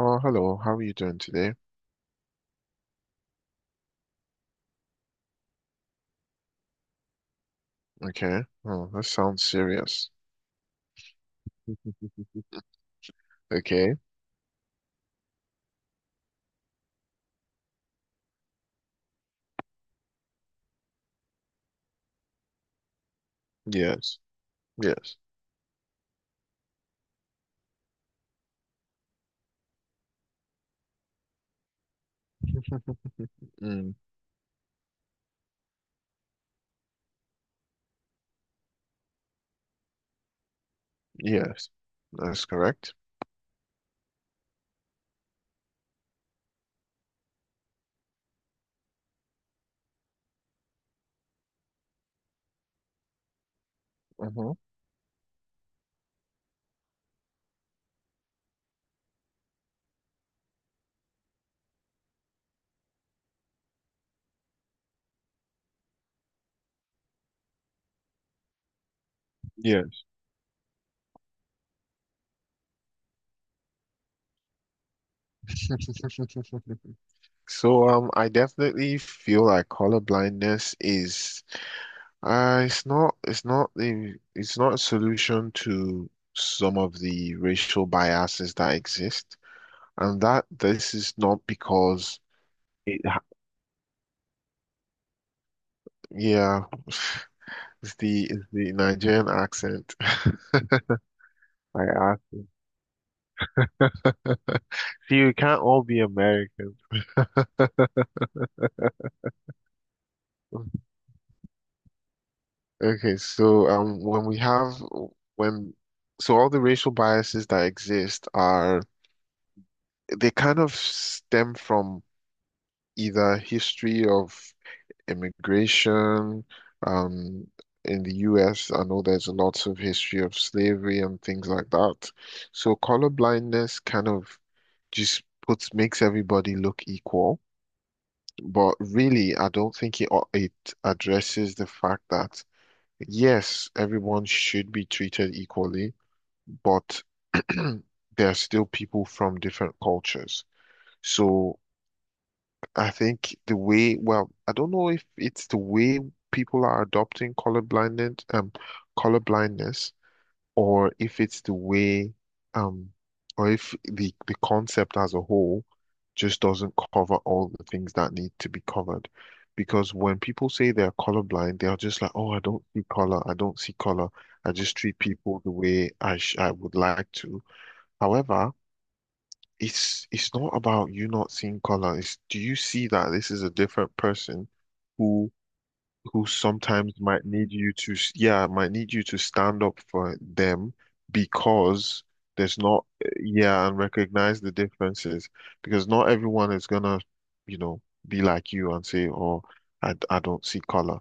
Oh, hello. How are you doing today? Okay. Oh, that sounds serious. Okay. Yes. Yes. Mm, yes. That's correct. Hmm. Yes. So, I definitely feel like color blindness is, it's not the, it's not a solution to some of the racial biases that exist, and that this is not because it, ha- yeah. It's the Nigerian accent. I asked him. See, we can't all be American. Okay, so when we have when so all the racial biases that exist are they kind of stem from either history of immigration, um, in the US, I know there's lots of history of slavery and things like that. So colorblindness kind of just puts makes everybody look equal. But really, I don't think it addresses the fact that yes, everyone should be treated equally, but there are still people from different cultures. So I think the way, well, I don't know if it's the way people are adopting colorblindness, colorblindness, or if it's the way, um, or if the concept as a whole just doesn't cover all the things that need to be covered. Because when people say they're colorblind, they are just like, oh, I don't see color. I just treat people the way I would like to. However, it's not about you not seeing color. It's do you see that this is a different person who who sometimes might need you to, yeah, might need you to stand up for them because there's not, yeah, and recognize the differences, because not everyone is gonna, you know, be like you and say, oh, I don't see color.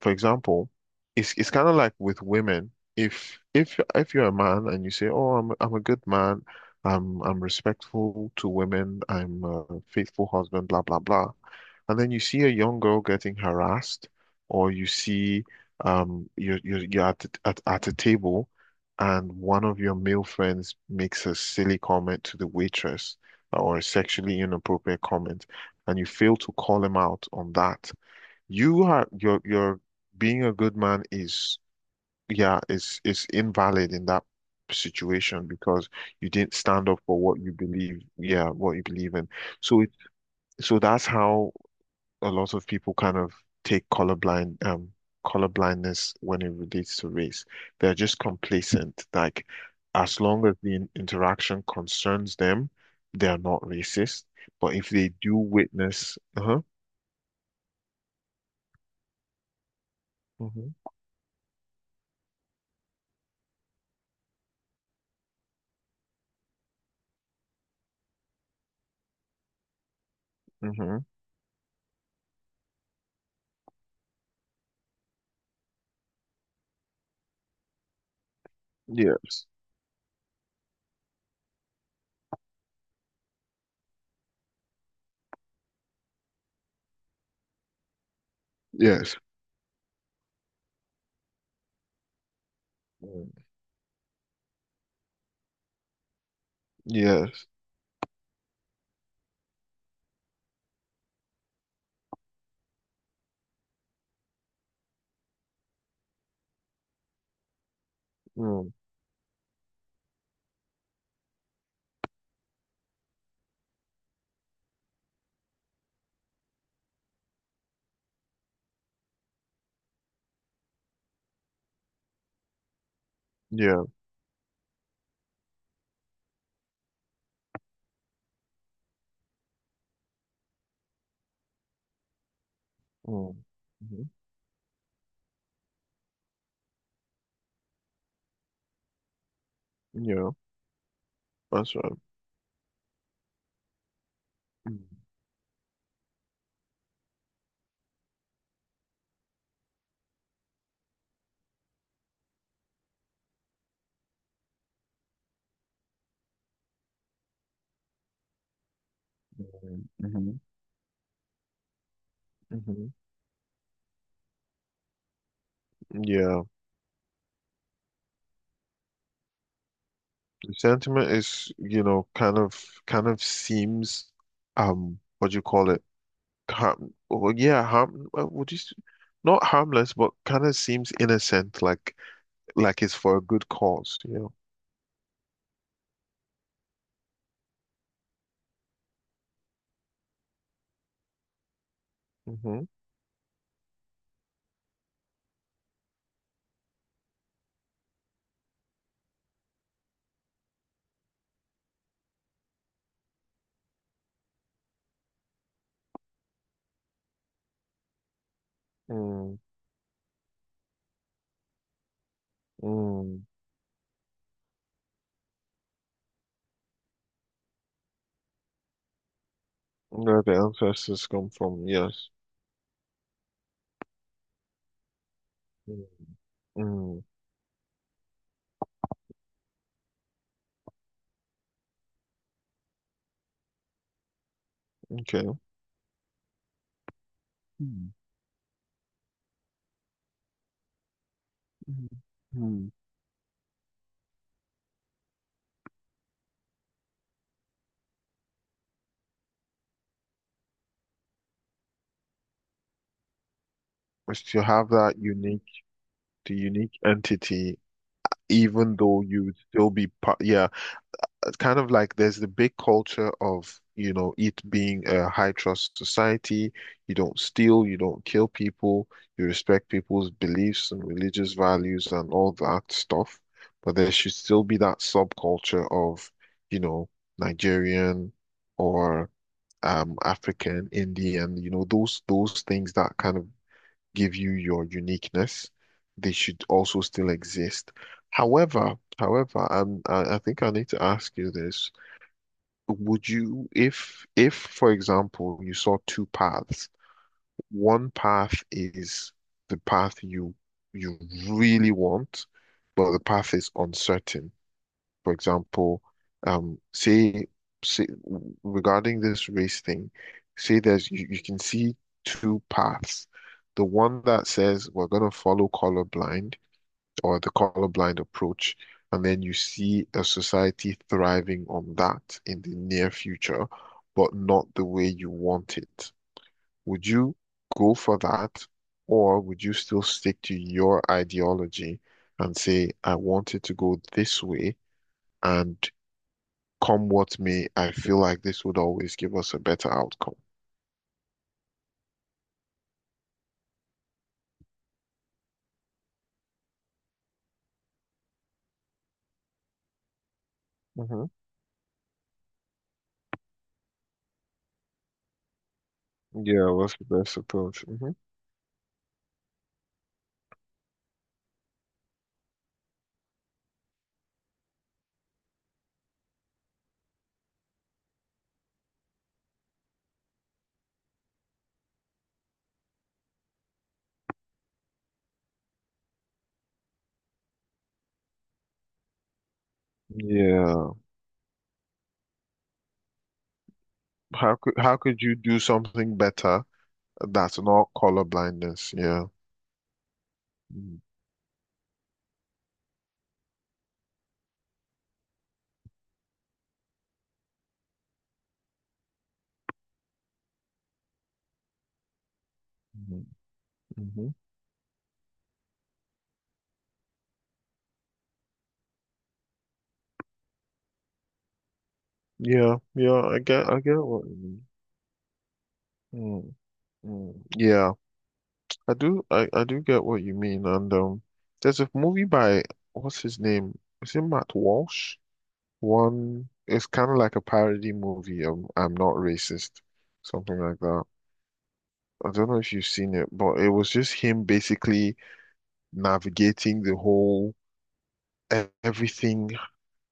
For example, it's kind of like with women. If you're a man and you say, "Oh, I'm a good man, I'm respectful to women, I'm a faithful husband," blah blah blah, and then you see a young girl getting harassed, or you see you're at a table, and one of your male friends makes a silly comment to the waitress or a sexually inappropriate comment, and you fail to call him out on that. You are your your being a good man is, yeah, is invalid in that situation, because you didn't stand up for what you believe, yeah, what you believe in. So it so that's how a lot of people kind of take colorblindness when it relates to race. They're just complacent. Like, as long as the interaction concerns them, they're not racist. But if they do witness, uh-huh. Hmm. Hmm. Yes. Yes. Mm. Yes. Mm. Yeah. Mm. Hmm. Yeah. That's right. Mm-hmm. Hmm. Yeah. The sentiment is, you know, kind of seems, what do you call it? Yeah, harm would you s- not harmless, but kind of seems innocent, like it's for a good cause, you know. Mm-hmm. Mm. Mm. Where the ancestors come from, yes. Mm. Mm. Okay. Mhm. Hmm. Is to have that unique, the unique entity, even though you would still be part. Yeah, it's kind of like there's the big culture of, you know, it being a high trust society. You don't steal, you don't kill people, you respect people's beliefs and religious values and all that stuff. But there should still be that subculture of, you know, Nigerian or African, Indian, you know, those things that kind of give you your uniqueness. They should also still exist. However, I think I need to ask you this. Would you, if, for example, you saw two paths, one path is the path you really want, but the path is uncertain. For example, um, say, say regarding this race thing, say there's you, you can see two paths. The one that says we're going to follow colorblind approach, and then you see a society thriving on that in the near future, but not the way you want it. Would you go for that, or would you still stick to your ideology and say, I want it to go this way? And come what may, I feel like this would always give us a better outcome. Hmm. Yeah, what's the best approach? Hmm. Yeah. How could, how could you do something better that's not color blindness? Yeah. Mm. Mm, mhm. Yeah, yeah, I get what you mean. Mm, mm. Yeah, I do, I do get what you mean. And there's a movie by what's his name? Is it Matt Walsh? One, it's kind of like a parody movie of I'm Not Racist, something like that. I don't know if you've seen it, but it was just him basically navigating the whole everything.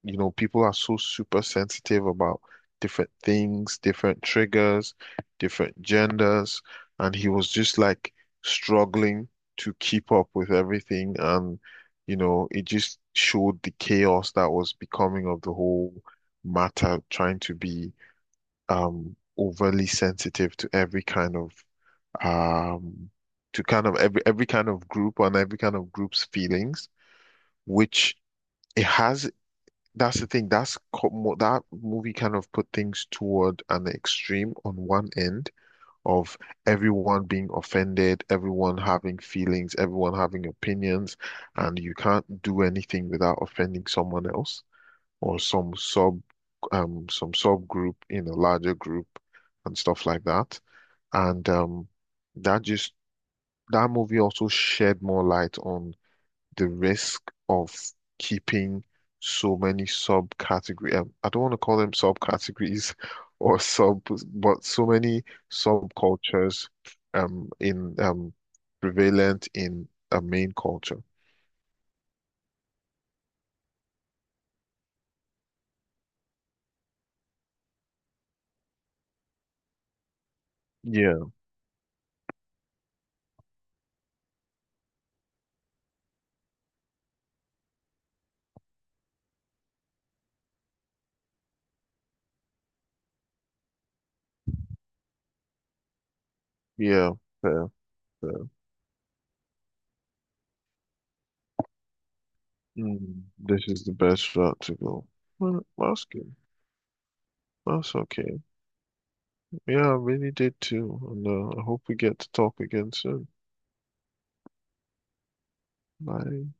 You know, people are so super sensitive about different things, different triggers, different genders, and he was just like struggling to keep up with everything. And, you know, it just showed the chaos that was becoming of the whole matter, trying to be overly sensitive to every kind of um every kind of group and every kind of group's feelings, which it has. That's the thing. That movie kind of put things toward an extreme on one end of everyone being offended, everyone having feelings, everyone having opinions, and you can't do anything without offending someone else or some subgroup in a larger group and stuff like that. And that just that movie also shed more light on the risk of keeping so many subcategory I don't want to call them subcategories or sub but so many subcultures in prevalent in a main culture. Yeah, yeah, fair. Fair. Mm, this is the best route to go. Well, that's good. That's okay. Yeah, I really did too. And I hope we get to talk again soon. Bye.